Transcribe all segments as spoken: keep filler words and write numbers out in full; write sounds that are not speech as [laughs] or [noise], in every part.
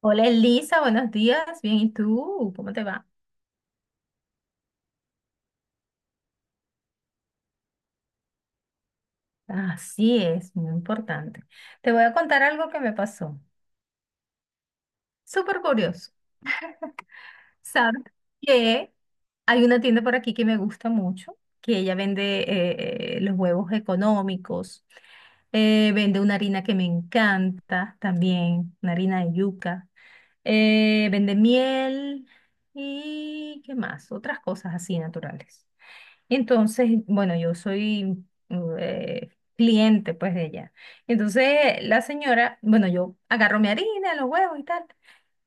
Hola Elisa, buenos días. Bien, ¿y tú? ¿Cómo te va? Así es, muy importante. Te voy a contar algo que me pasó. Súper curioso. Sabes que hay una tienda por aquí que me gusta mucho, que ella vende eh, eh, los huevos económicos, eh, vende una harina que me encanta también, una harina de yuca, eh, vende miel y qué más, otras cosas así naturales. Entonces, bueno, yo soy eh, cliente pues de ella. Entonces, la señora, bueno, yo agarro mi harina, los huevos y tal.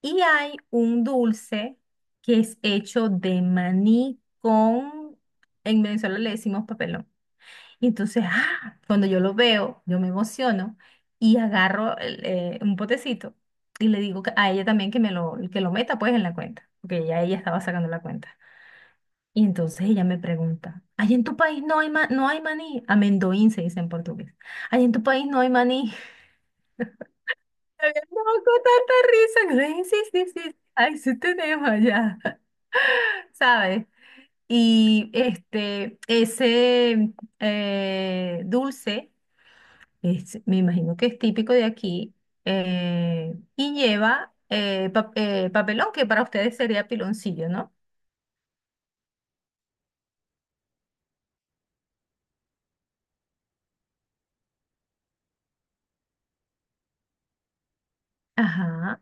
Y hay un dulce que es hecho de maní con, en Venezuela le decimos papelón. Y entonces, ah, cuando yo lo veo, yo me emociono y agarro el, eh, un potecito y le digo que- a ella también que me lo, que lo meta pues en la cuenta, porque ya ella estaba sacando la cuenta. Y entonces ella me pregunta, ¿allá en tu país no hay, ma- no hay maní? Amendoín se dice en portugués. ¿Allá en tu país no hay maní? [laughs] Me había dado con tanta risa. Que Sí, sí, sí, sí. Ay, sí tenemos allá, [laughs] ¿sabes? Y este, ese eh, dulce, es- me imagino que es típico de aquí, eh, y lleva eh, pa- eh, papelón, que para ustedes sería piloncillo, ¿no? Ajá,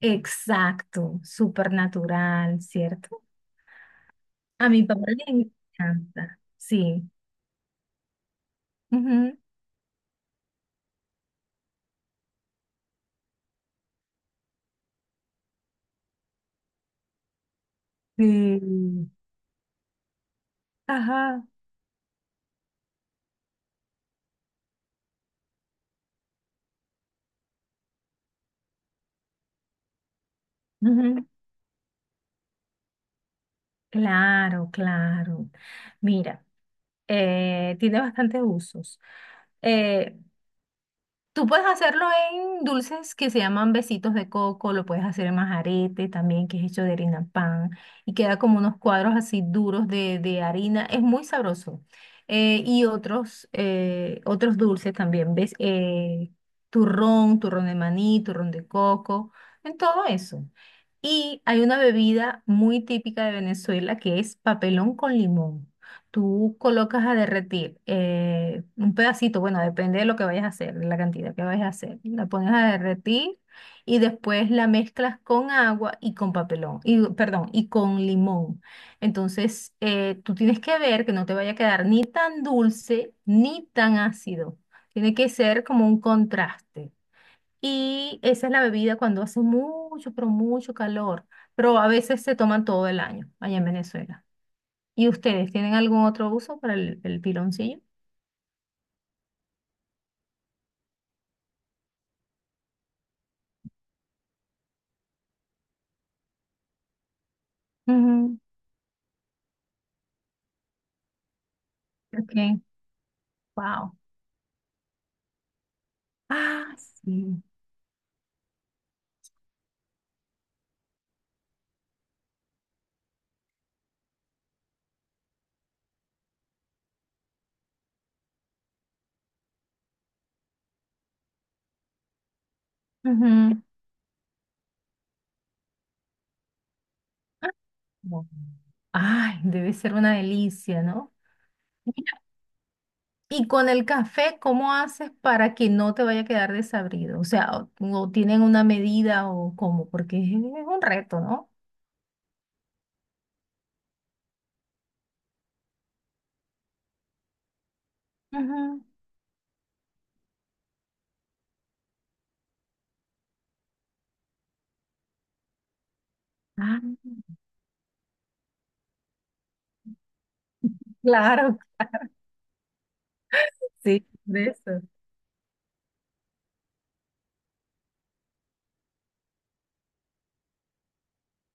exacto, súper natural, ¿cierto? A mi papá le encanta, sí. Ujú. Sí. Ajá. Ujú. Claro, claro. Mira, eh, tiene bastantes usos. Eh, Tú puedes hacerlo en dulces que se llaman besitos de coco, lo puedes hacer en majarete también, que es hecho de harina pan, y queda como unos cuadros así duros de, de harina, es muy sabroso. Eh, y otros, eh, otros dulces también, ¿ves? Eh, turrón, turrón de maní, turrón de coco, en todo eso. Y hay una bebida muy típica de Venezuela que es papelón con limón. Tú colocas a derretir eh, un pedacito, bueno, depende de lo que vayas a hacer, de la cantidad que vayas a hacer. La pones a derretir y después la mezclas con agua y con papelón, y, perdón, y con limón. Entonces, eh, tú tienes que ver que no te vaya a quedar ni tan dulce ni tan ácido. Tiene que ser como un contraste. Y esa es la bebida cuando hace mucho, pero mucho calor. Pero a veces se toman todo el año allá en Venezuela. ¿Y ustedes tienen algún otro uso para el, el piloncillo? Ujú, ok, wow. Ah, sí. Ujú. Ah, bueno. Ay, debe ser una delicia, ¿no? Mira, y con el café, ¿cómo haces para que no te vaya a quedar desabrido? O sea, o, o tienen una medida o cómo, porque es un reto, ¿no? Ujú. Ah, claro, sí, de eso.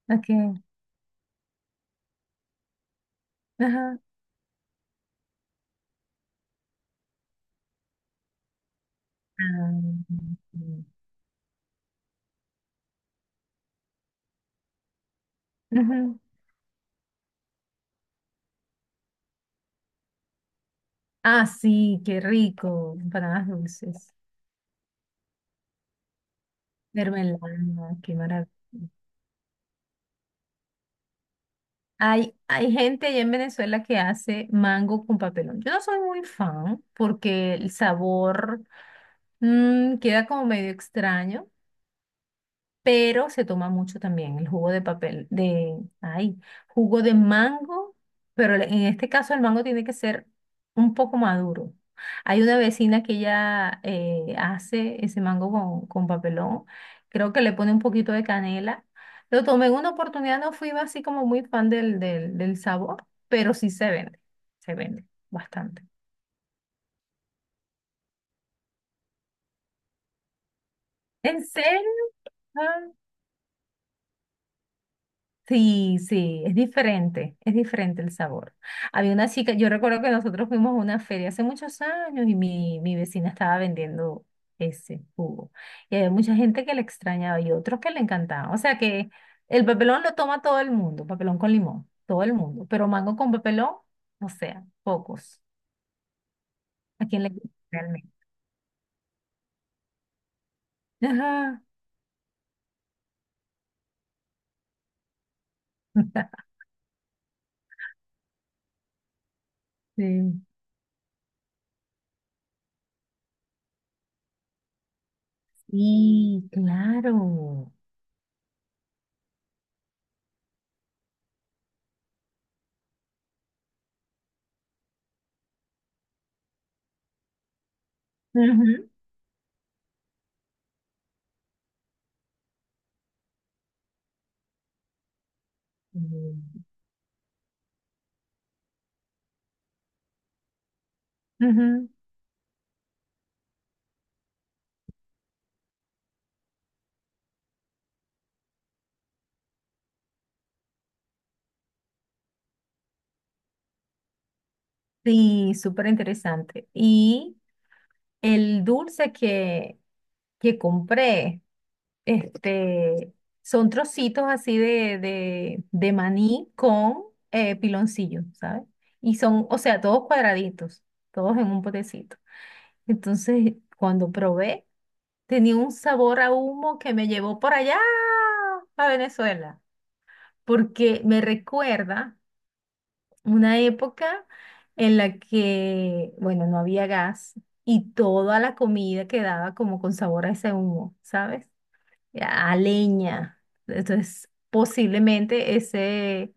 Ok. Ajá. Ah, sí. Ujú. Ah, sí, qué rico. Empanadas dulces. Mermelada, qué maravilla. Hay, hay gente allá en Venezuela que hace mango con papelón. Yo no soy muy fan porque el sabor mm, queda como medio extraño. Pero se toma mucho también el jugo de papel, de, ay, jugo de mango, pero le- en este caso el mango tiene que ser un poco maduro. Hay una vecina que ella eh, hace ese mango con, con papelón, creo que le pone un poquito de canela. Lo tomé en una oportunidad, no fui así como muy fan del, del, del sabor, pero sí se vende, se vende bastante. ¿En serio? Sí, sí, es diferente, es diferente el sabor. Había una chica, yo recuerdo que nosotros fuimos a una feria hace muchos años y mi, mi vecina estaba vendiendo ese jugo. Y había mucha gente que le extrañaba y otros que le encantaban. O sea que el papelón lo toma todo el mundo, papelón con limón, todo el mundo. Pero mango con papelón, o sea, pocos. ¿A quién le gusta realmente? Ajá. [laughs] Sí, sí, claro. Ujú. Mm, ujú. Sí, súper interesante. Y el dulce que, que compré, este, son trocitos así de, de, de maní con eh, piloncillo, ¿sabes? Y son, o sea, todos cuadraditos, todos en un potecito. Entonces, cuando probé, tenía un sabor a humo que me llevó por allá a Venezuela, porque me recuerda una época en la que, bueno, no había gas y toda la comida quedaba como con sabor a ese humo, ¿sabes? A leña. Entonces, posiblemente ese,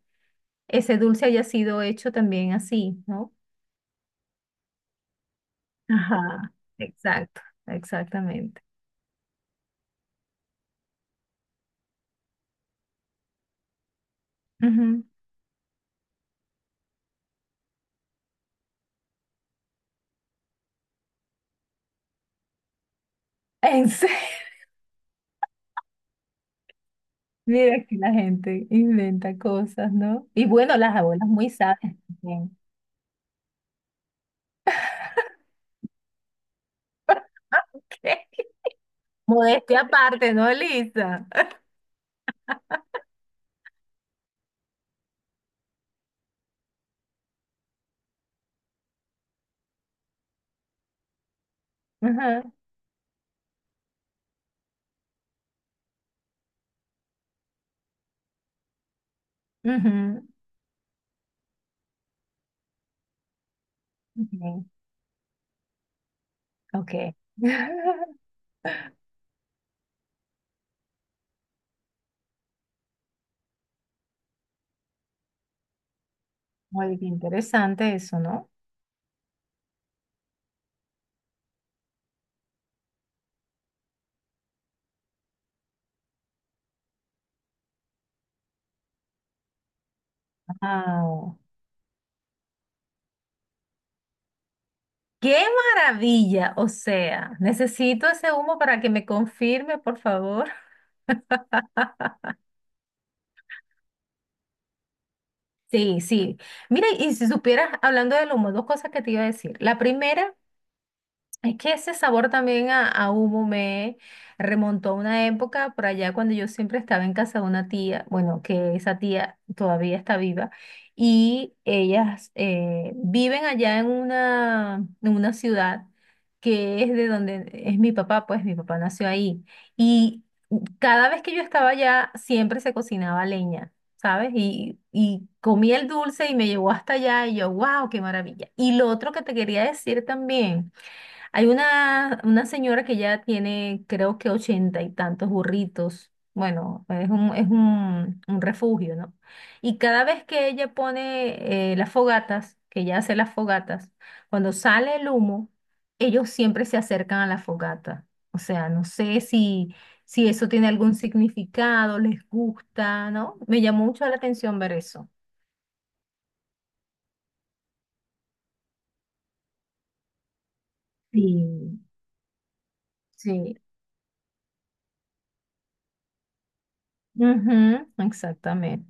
ese dulce haya sido hecho también así, ¿no? Ajá. Exacto, exactamente. Ujú. ¿En serio? [laughs] Mira que la gente inventa cosas, ¿no? Y bueno, las abuelas muy sabias también. [laughs] ¿Qué? Modestia aparte, ¿no, Lisa? Ajá, ujú, ujú, ok. [laughs] Muy interesante eso, ¿no? Wow. ¡Qué maravilla! O sea, necesito ese humo para que me confirme, por favor. Sí, sí. Mira, y si supieras, hablando del humo, dos cosas que te iba a decir. La primera es que ese sabor también a, a humo me remontó a una época por allá cuando yo siempre estaba en casa de una tía, bueno, que esa tía todavía está viva, y ellas eh, viven allá en una, en una ciudad que es de donde es mi papá, pues mi papá nació ahí. Y cada vez que yo estaba allá, siempre se cocinaba leña. ¿Sabes? Y, y comí el dulce y me llevó hasta allá y yo, wow, qué maravilla. Y lo otro que te quería decir también, hay una, una señora que ya tiene, creo que ochenta y tantos burritos. Bueno, es un, es un, un refugio, ¿no? Y cada vez que ella pone eh, las fogatas, que ella hace las fogatas, cuando sale el humo, ellos siempre se acercan a la fogata. O sea, no sé si, si eso tiene algún significado, les gusta, ¿no? Me llamó mucho la atención ver eso. Sí, sí. Ujú, exactamente.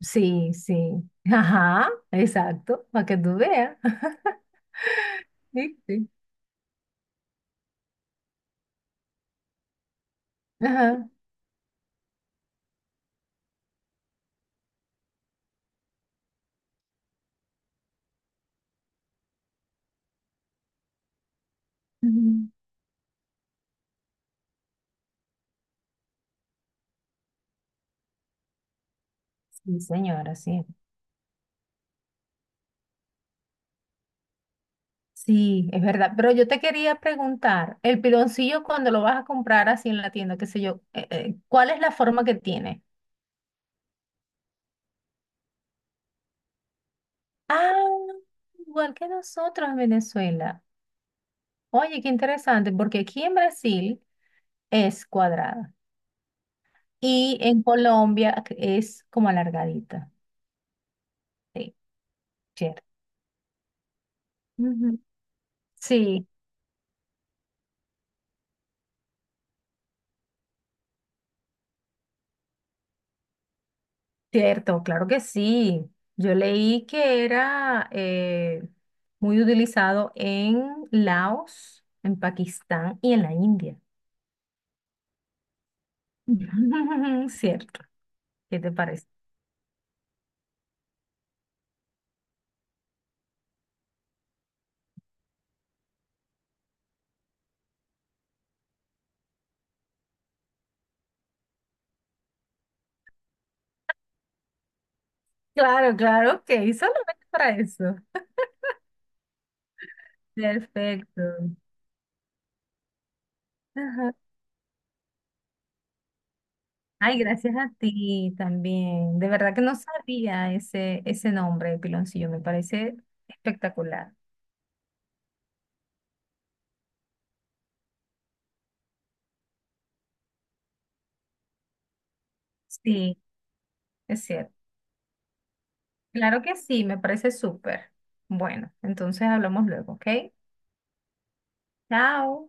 Sí, sí. Ajá, exacto, para que tú veas. [laughs] Sí, sí. Ajá. Ujú. Sí, señora, sí. Sí, es verdad. Pero yo te quería preguntar, el piloncillo cuando lo vas a comprar así en la tienda, qué sé yo, eh, eh, ¿cuál es la forma que tiene? Ah, igual que nosotros en Venezuela. Oye, qué interesante, porque aquí en Brasil es cuadrada y en Colombia es como alargadita. Sí, cierto. Ujú. Sí, cierto, claro que sí. Yo leí que era eh, muy utilizado en Laos, en Pakistán y en la India. [laughs] Cierto, ¿qué te parece? Claro, claro, ok, solamente para eso. Perfecto. Ajá. Ay, gracias a ti también. De verdad que no sabía ese, ese nombre, de piloncillo, me parece espectacular. Sí, es cierto. Claro que sí, me parece súper. Bueno, entonces hablamos luego, ¿ok? Chao.